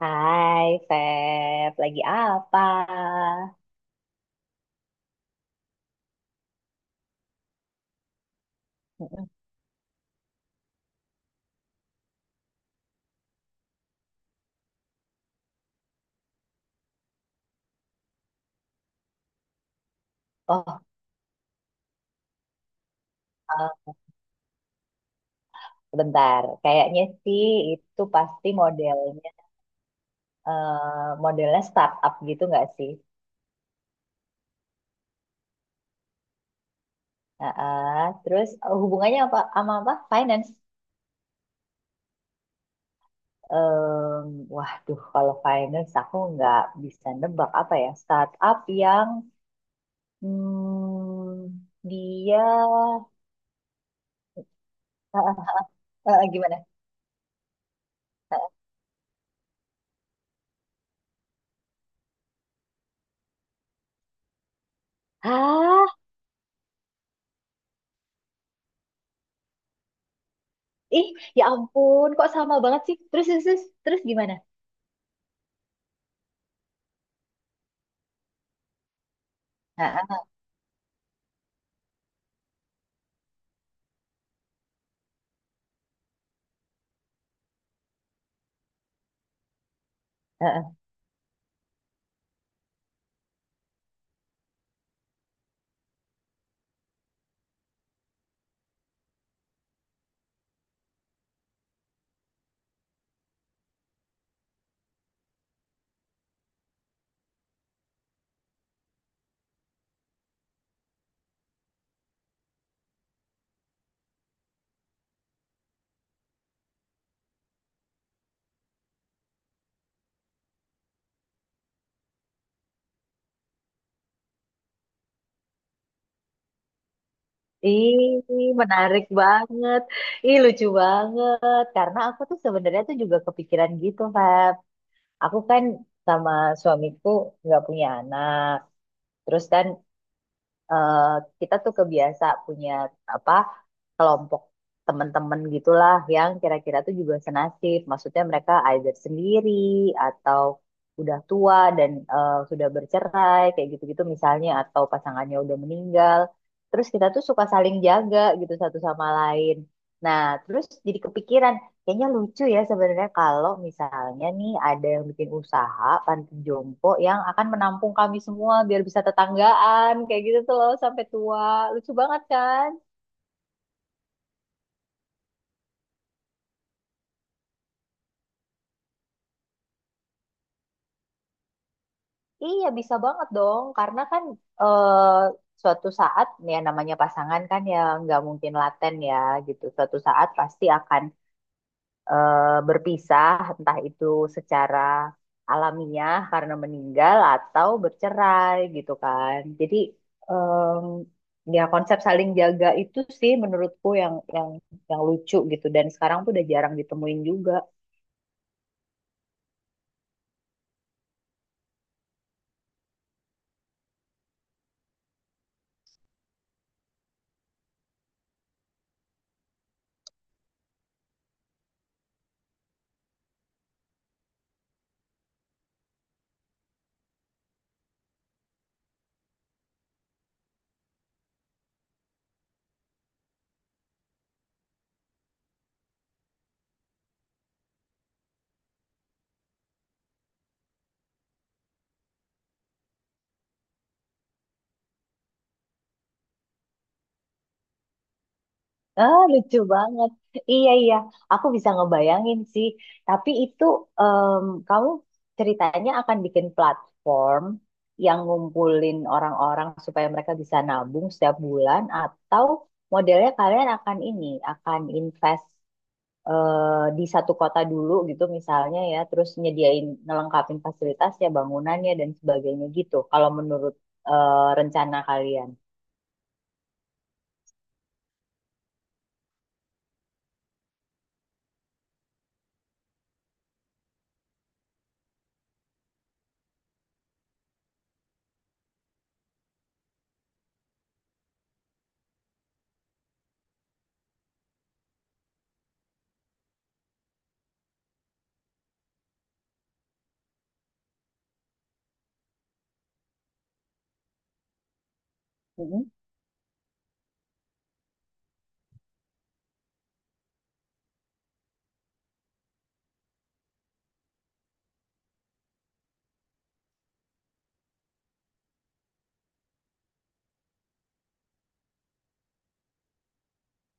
Hai, Feb. Lagi apa? Mm-mm. Oh, eh, bentar. Kayaknya sih itu pasti modelnya startup gitu nggak sih? Heeh. Terus hubungannya apa sama apa? Finance. Waduh, kalau finance aku nggak bisa nebak apa ya. Startup yang hmm, dia eh, gimana? Hah? Ih, ya ampun, kok sama banget sih? Terus, terus, terus, terus gimana? Heeh, heeh. Ih, menarik banget. Ih, lucu banget. Karena aku tuh sebenarnya tuh juga kepikiran gitu, Feb. Aku kan sama suamiku nggak punya anak. Terus kan eh, kita tuh kebiasa punya apa? Kelompok teman-teman gitulah yang kira-kira tuh juga senasib. Maksudnya mereka either sendiri atau udah tua dan sudah bercerai kayak gitu-gitu misalnya atau pasangannya udah meninggal. Terus kita tuh suka saling jaga gitu satu sama lain. Nah, terus jadi kepikiran, kayaknya lucu ya sebenarnya kalau misalnya nih ada yang bikin usaha panti jompo yang akan menampung kami semua biar bisa tetanggaan kayak gitu tuh loh sampai tua. Lucu banget kan? Iya, bisa banget dong. Karena kan eh, suatu saat, ya namanya pasangan kan ya nggak mungkin laten ya gitu. Suatu saat pasti akan berpisah, entah itu secara alamiah karena meninggal atau bercerai gitu kan. Jadi ya konsep saling jaga itu sih menurutku yang lucu gitu. Dan sekarang tuh udah jarang ditemuin juga. Ah, lucu banget. Iya, iya. Aku bisa ngebayangin sih. Tapi itu kamu ceritanya akan bikin platform yang ngumpulin orang-orang supaya mereka bisa nabung setiap bulan, atau modelnya kalian akan ini, akan invest di satu kota dulu gitu misalnya ya, terus nyediain ngelengkapin fasilitasnya, bangunannya dan sebagainya gitu. Kalau menurut eh, rencana kalian. Mm-mm.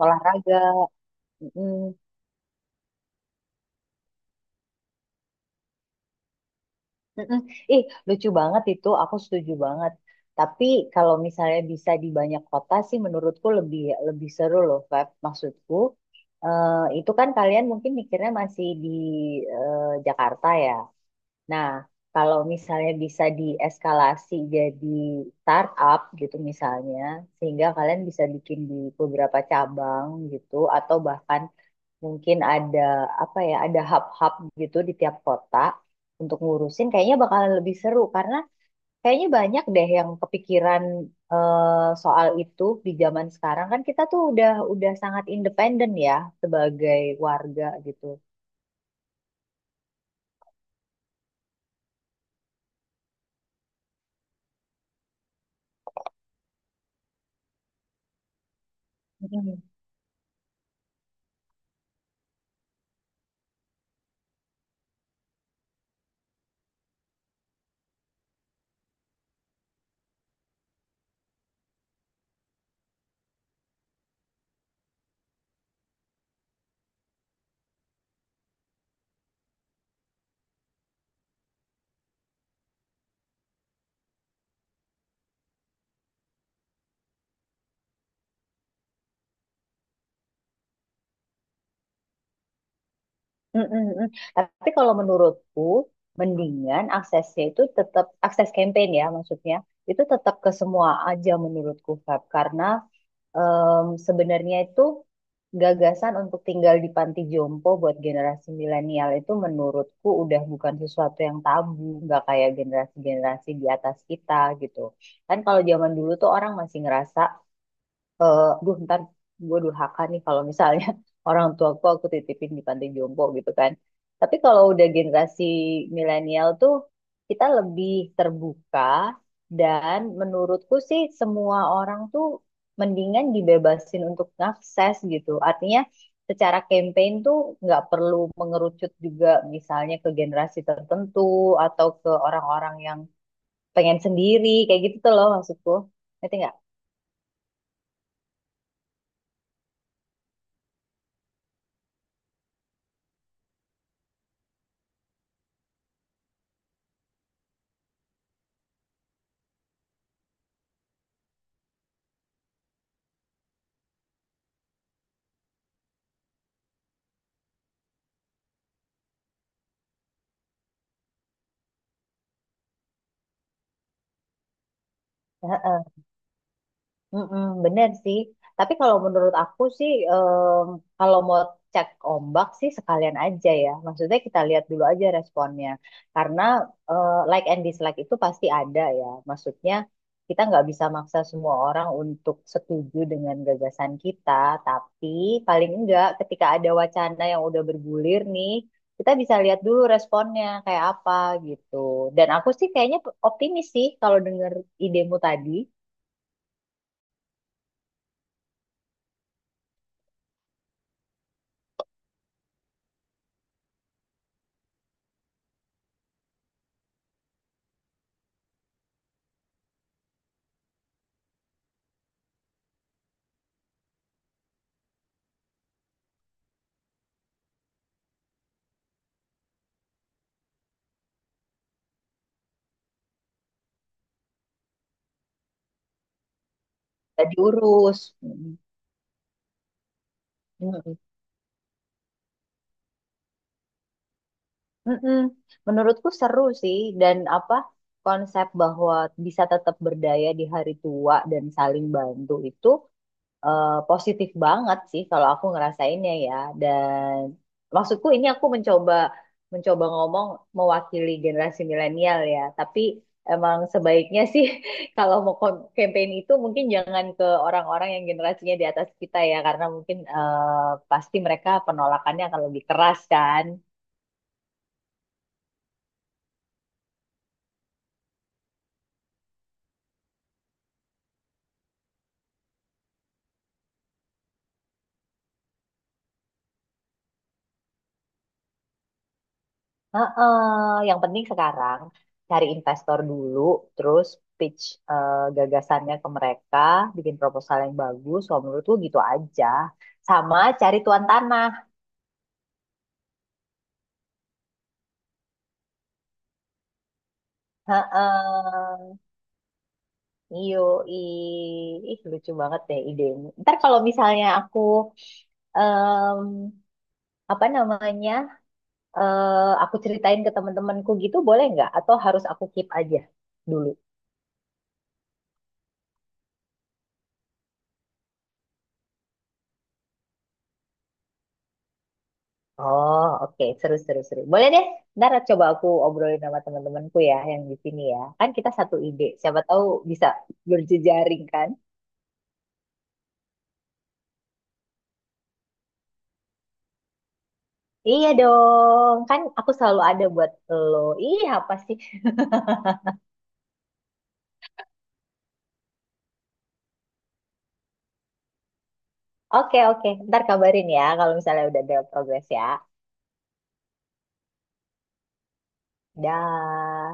Olahraga. Mm-mm. Mm-mm. Ih, lucu banget itu. Aku setuju banget. Tapi kalau misalnya bisa di banyak kota sih menurutku lebih lebih seru loh, Feb. Maksudku, eh, itu kan kalian mungkin mikirnya masih di Jakarta ya. Nah, kalau misalnya bisa dieskalasi jadi startup gitu misalnya, sehingga kalian bisa bikin di beberapa cabang gitu, atau bahkan mungkin ada apa ya ada hub-hub gitu di tiap kota untuk ngurusin kayaknya bakalan lebih seru karena kayaknya banyak deh yang kepikiran eh, soal itu di zaman sekarang kan kita tuh udah sangat independen ya sebagai warga gitu. Mm-mm-mm. Tapi kalau menurutku, mendingan aksesnya itu tetap akses campaign ya maksudnya itu tetap ke semua aja menurutku Feb, karena sebenarnya itu gagasan untuk tinggal di panti jompo buat generasi milenial itu menurutku udah bukan sesuatu yang tabu, nggak kayak generasi-generasi di atas kita gitu kan. Kalau zaman dulu tuh orang masih ngerasa aduh, ntar gue durhaka nih kalau misalnya orang tua tuaku aku titipin di panti jompo gitu kan. Tapi kalau udah generasi milenial tuh kita lebih terbuka, dan menurutku sih semua orang tuh mendingan dibebasin untuk ngakses gitu. Artinya secara campaign tuh nggak perlu mengerucut juga misalnya ke generasi tertentu atau ke orang-orang yang pengen sendiri kayak gitu tuh loh maksudku. Ngerti nggak? Heeh. Mm-mm, bener sih. Tapi kalau menurut aku sih, kalau mau cek ombak sih sekalian aja ya. Maksudnya kita lihat dulu aja responnya. Karena like and dislike itu pasti ada ya. Maksudnya kita nggak bisa maksa semua orang untuk setuju dengan gagasan kita. Tapi paling enggak ketika ada wacana yang udah bergulir nih, kita bisa lihat dulu responnya kayak apa gitu. Dan aku sih kayaknya optimis sih kalau denger idemu tadi. Gak diurus. Mm. Mm-mm. mm Menurutku seru sih. Dan apa konsep bahwa bisa tetap berdaya di hari tua dan saling bantu itu positif banget sih kalau aku ngerasainnya ya. Dan maksudku ini aku mencoba mencoba ngomong mewakili generasi milenial ya. Tapi emang sebaiknya sih kalau mau campaign itu mungkin jangan ke orang-orang yang generasinya di atas kita ya, karena mungkin pasti mereka penolakannya akan lebih keras kan. Heeh, yang penting sekarang cari investor dulu, terus pitch gagasannya ke mereka, bikin proposal yang bagus. Kalau menurut gue gitu aja. Sama cari tuan tanah. Heeh. Iyo, ih, lucu banget deh idemu. Ntar kalau misalnya em, apa namanya, aku ceritain ke teman-temanku gitu, boleh nggak? Atau harus aku keep aja dulu? Oh, oke. Seru, seru, seru. Boleh deh, ntar coba aku obrolin sama teman-temanku ya yang di sini ya. Kan kita satu ide, siapa tahu bisa berjejaring kan? Iya dong, kan aku selalu ada buat lo. Iya, apa sih? Oke, oke. Ntar kabarin ya kalau misalnya udah ada progres ya. Dah.